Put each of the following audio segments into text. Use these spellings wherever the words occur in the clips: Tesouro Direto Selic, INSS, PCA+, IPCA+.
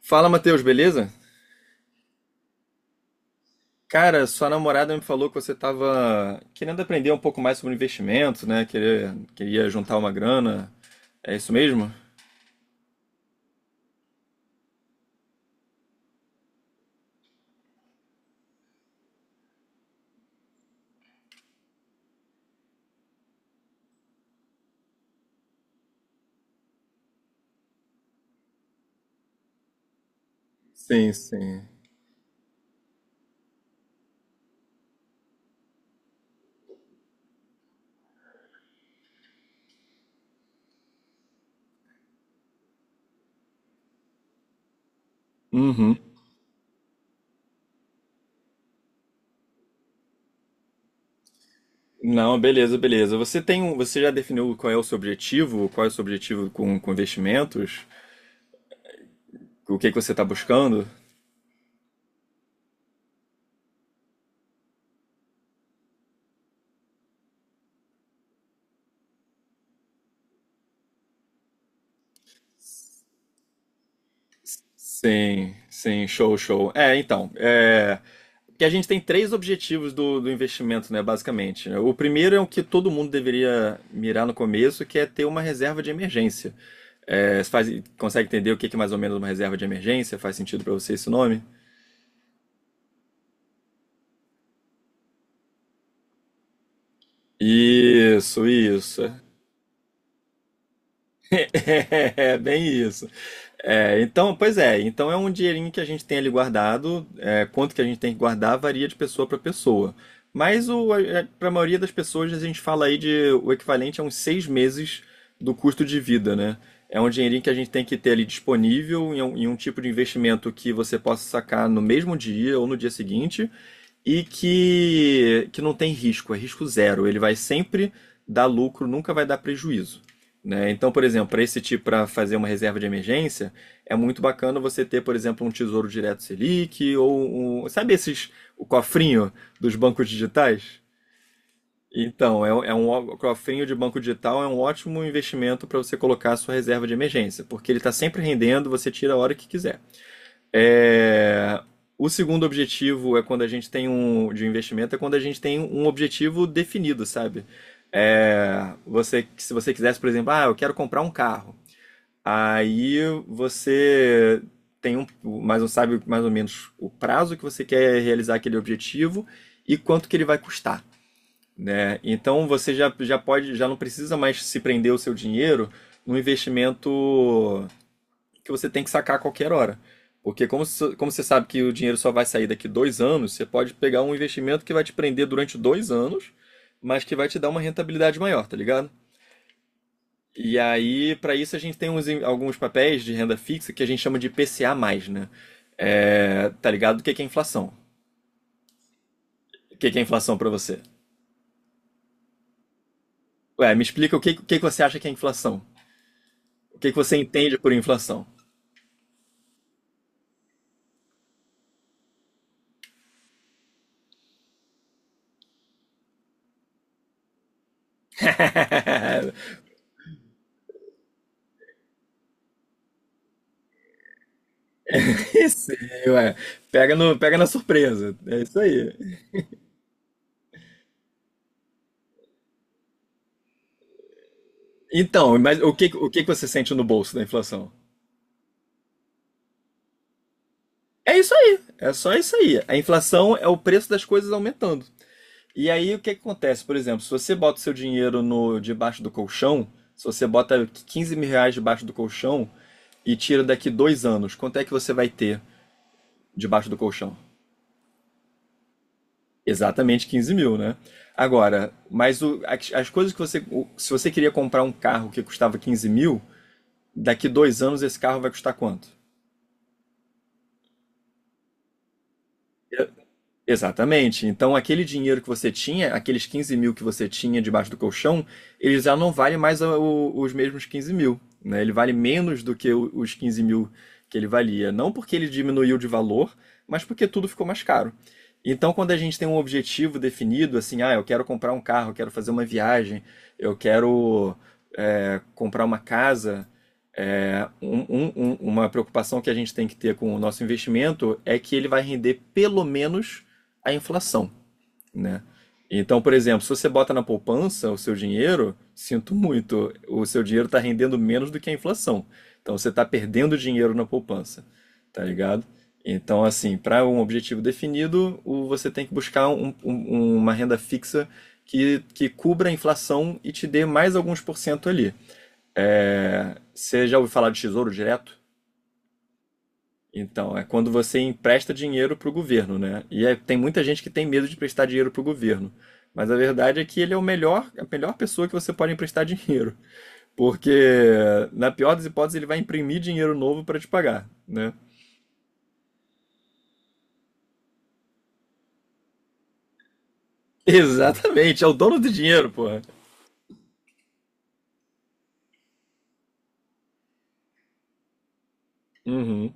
Fala, Matheus, beleza? Cara, sua namorada me falou que você estava querendo aprender um pouco mais sobre investimento, né? Queria juntar uma grana. É isso mesmo? Sim, sim. Uhum. Não, beleza, beleza. Você já definiu qual é o seu objetivo? Qual é o seu objetivo com investimentos? O que que você está buscando? Sim, sim, show, show. Que a gente tem três objetivos do investimento, né, basicamente. Né? O primeiro é o que todo mundo deveria mirar no começo, que é ter uma reserva de emergência. É, você consegue entender o que que é mais ou menos uma reserva de emergência? Faz sentido para você esse nome? Isso, isso. É, bem isso. É, então, pois é, então é um dinheirinho que a gente tem ali guardado. É, quanto que a gente tem que guardar varia de pessoa para pessoa. Mas o, Para a maioria das pessoas a gente fala aí de o equivalente a uns seis meses do custo de vida, né? É um dinheirinho que a gente tem que ter ali disponível em um tipo de investimento que você possa sacar no mesmo dia ou no dia seguinte, e que não tem risco, é risco zero. Ele vai sempre dar lucro, nunca vai dar prejuízo. Né? Então, por exemplo, para esse tipo, para fazer uma reserva de emergência, é muito bacana você ter, por exemplo, um Tesouro Direto Selic ou sabe esses o cofrinho dos bancos digitais? Então, cofrinho de banco digital é um ótimo investimento para você colocar a sua reserva de emergência, porque ele está sempre rendendo, você tira a hora que quiser. É, o segundo objetivo é quando a gente tem um de um investimento, é quando a gente tem um objetivo definido, sabe? É, você, se você quisesse, por exemplo, ah, eu quero comprar um carro. Aí você tem um, mais um, Sabe mais ou menos o prazo que você quer realizar aquele objetivo e quanto que ele vai custar. É, então você já pode, já não precisa mais se prender o seu dinheiro num investimento que você tem que sacar a qualquer hora. Porque como você sabe que o dinheiro só vai sair daqui dois anos, você pode pegar um investimento que vai te prender durante dois anos, mas que vai te dar uma rentabilidade maior, tá ligado? E aí, para isso, a gente tem alguns papéis de renda fixa que a gente chama de PCA+, né? É, tá ligado? O que que é inflação? O que que é inflação para você? Ué, me explica o que que você acha que é inflação? O que que você entende por inflação? Isso, ué. Pega no, Pega na surpresa. É isso aí. Então, mas o que que você sente no bolso da inflação? É isso aí, é só isso aí. A inflação é o preço das coisas aumentando. E aí o que que acontece? Por exemplo, se você bota o seu dinheiro no debaixo do colchão, se você bota 15 mil reais debaixo do colchão e tira daqui dois anos, quanto é que você vai ter debaixo do colchão? Exatamente 15 mil, né? Agora, as coisas que você. Se você queria comprar um carro que custava 15 mil, daqui dois anos esse carro vai custar quanto? Exatamente. Então, aquele dinheiro que você tinha, aqueles 15 mil que você tinha debaixo do colchão, ele já não vale mais os mesmos 15 mil, né? Ele vale menos do que os 15 mil que ele valia. Não porque ele diminuiu de valor, mas porque tudo ficou mais caro. Então, quando a gente tem um objetivo definido, assim, ah, eu quero comprar um carro, eu quero fazer uma viagem, eu quero é, comprar uma casa, é, uma preocupação que a gente tem que ter com o nosso investimento é que ele vai render pelo menos a inflação, né? Então, por exemplo, se você bota na poupança o seu dinheiro, sinto muito, o seu dinheiro está rendendo menos do que a inflação. Então, você está perdendo dinheiro na poupança, tá ligado? Então, assim, para um objetivo definido, você tem que buscar uma renda fixa que cubra a inflação e te dê mais alguns por cento ali. É, você já ouviu falar de tesouro direto? Então, é quando você empresta dinheiro para o governo, né? Tem muita gente que tem medo de emprestar dinheiro para o governo. Mas a verdade é que ele é o melhor, a melhor pessoa que você pode emprestar dinheiro. Porque, na pior das hipóteses, ele vai imprimir dinheiro novo para te pagar, né? Exatamente, é o dono do dinheiro, porra. Uhum.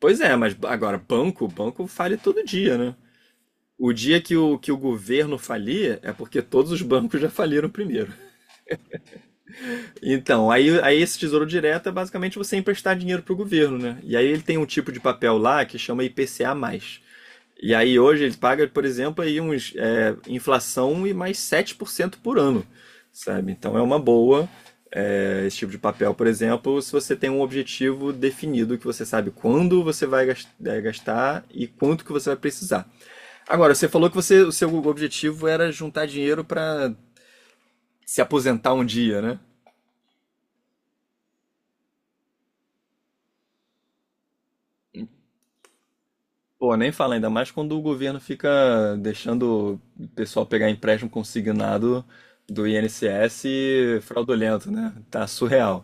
Pois é, mas agora, banco fale todo dia, né? O dia que que o governo falir é porque todos os bancos já faliram primeiro. Então, aí esse tesouro direto é basicamente você emprestar dinheiro pro governo, né? E aí ele tem um tipo de papel lá que chama IPCA+. E aí hoje ele paga, por exemplo, aí uns é, inflação e mais 7% por cento por ano, sabe? Então é uma boa é, esse tipo de papel, por exemplo, se você tem um objetivo definido, que você sabe quando você vai gastar e quanto que você vai precisar. Agora, você falou que o seu objetivo era juntar dinheiro para se aposentar um dia, né? Pô, nem fala, ainda mais quando o governo fica deixando o pessoal pegar empréstimo consignado do INSS fraudulento, né? Tá surreal.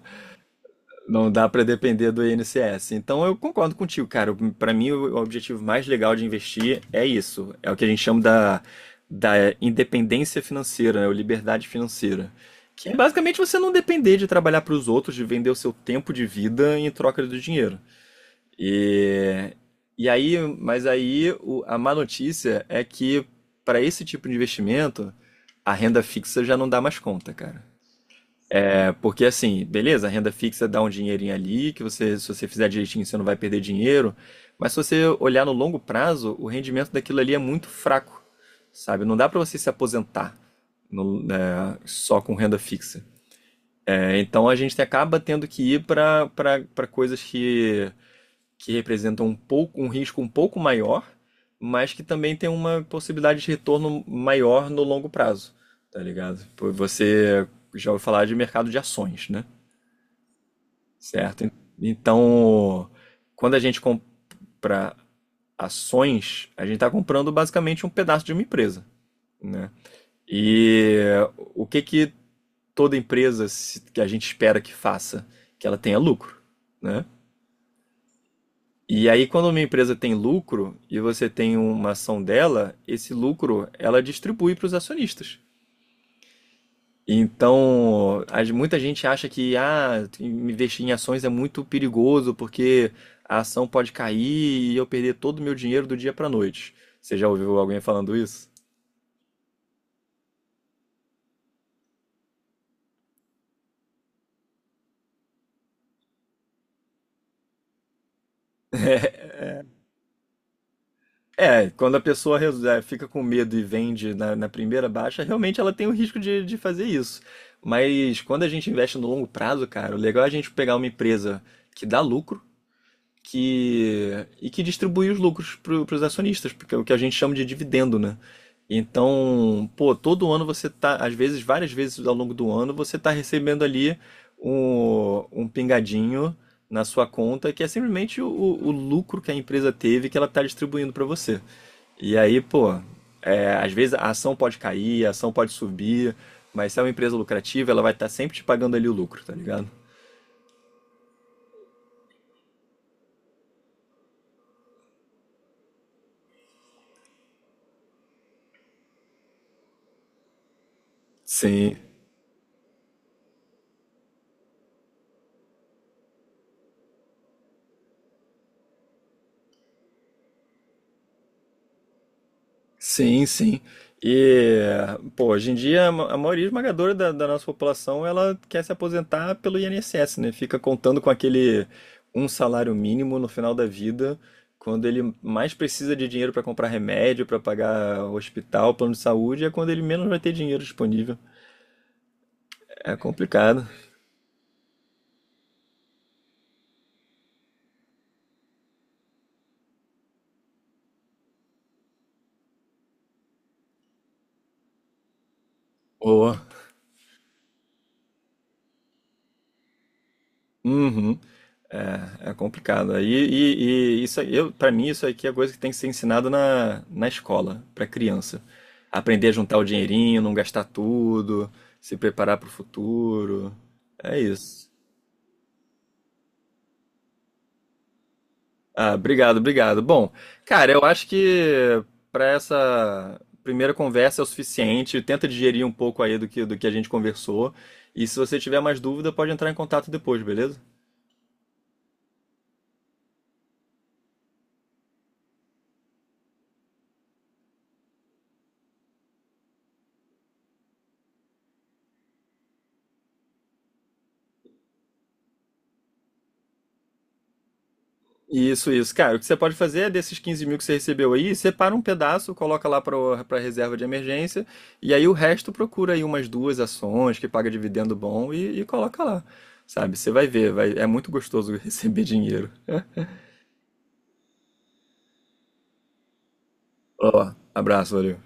Não dá pra depender do INSS. Então eu concordo contigo, cara. Pra mim, o objetivo mais legal de investir é isso. É o que a gente chama da independência financeira, né? Ou liberdade financeira. Que é basicamente você não depender de trabalhar pros outros, de vender o seu tempo de vida em troca do dinheiro. E, mas aí a má notícia é que para esse tipo de investimento, a renda fixa já não dá mais conta, cara. É porque assim, beleza, a renda fixa dá um dinheirinho ali, se você fizer direitinho, você não vai perder dinheiro, mas se você olhar no longo prazo, o rendimento daquilo ali é muito fraco, sabe? Não dá para você se aposentar né, só com renda fixa. É, então a gente acaba tendo que ir para coisas que representam um pouco um risco um pouco maior, mas que também tem uma possibilidade de retorno maior no longo prazo, tá ligado? Pô, você já ouviu falar de mercado de ações, né? Certo? Então, quando a gente compra ações, a gente está comprando basicamente um pedaço de uma empresa, né? E o que que toda empresa que a gente espera que faça? Que ela tenha lucro, né? E aí, quando uma empresa tem lucro e você tem uma ação dela, esse lucro ela distribui para os acionistas. Então, muita gente acha que ah, investir em ações é muito perigoso porque a ação pode cair e eu perder todo o meu dinheiro do dia para noite. Você já ouviu alguém falando isso? É, quando a pessoa fica com medo e vende na primeira baixa, realmente ela tem o risco de fazer isso. Mas quando a gente investe no longo prazo, cara, o legal é a gente pegar uma empresa que dá lucro, que distribui os lucros para os acionistas, porque é o que a gente chama de dividendo, né? Então, pô, todo ano você tá, às vezes, várias vezes ao longo do ano, você tá recebendo ali um pingadinho na sua conta, que é simplesmente o lucro que a empresa teve que ela tá distribuindo para você. E aí, pô, é, às vezes a ação pode cair, a ação pode subir, mas se é uma empresa lucrativa, ela vai estar sempre te pagando ali o lucro, tá ligado? Sim. Sim, sim. E, pô, hoje em dia a a maioria esmagadora da nossa população ela quer se aposentar pelo INSS, né? Fica contando com aquele um salário mínimo no final da vida, quando ele mais precisa de dinheiro para comprar remédio, para pagar hospital, plano de saúde, é quando ele menos vai ter dinheiro disponível. É complicado. Boa. É, é complicado. E isso, eu, para mim, isso aqui é coisa que tem que ser ensinado na escola, para criança. Aprender a juntar o dinheirinho, não gastar tudo, se preparar para o futuro. É isso. Ah, obrigado, obrigado. Bom, cara, eu acho que para essa primeira conversa é o suficiente. Tenta digerir um pouco aí do que a gente conversou. E se você tiver mais dúvida, pode entrar em contato depois, beleza? Isso, isso. Cara, o que você pode fazer é desses 15 mil que você recebeu aí, separa um pedaço, coloca lá para reserva de emergência, e aí o resto procura aí umas duas ações que paga dividendo bom e coloca lá. Sabe? Você vai ver, vai, é muito gostoso receber dinheiro. Ó, abraço, valeu.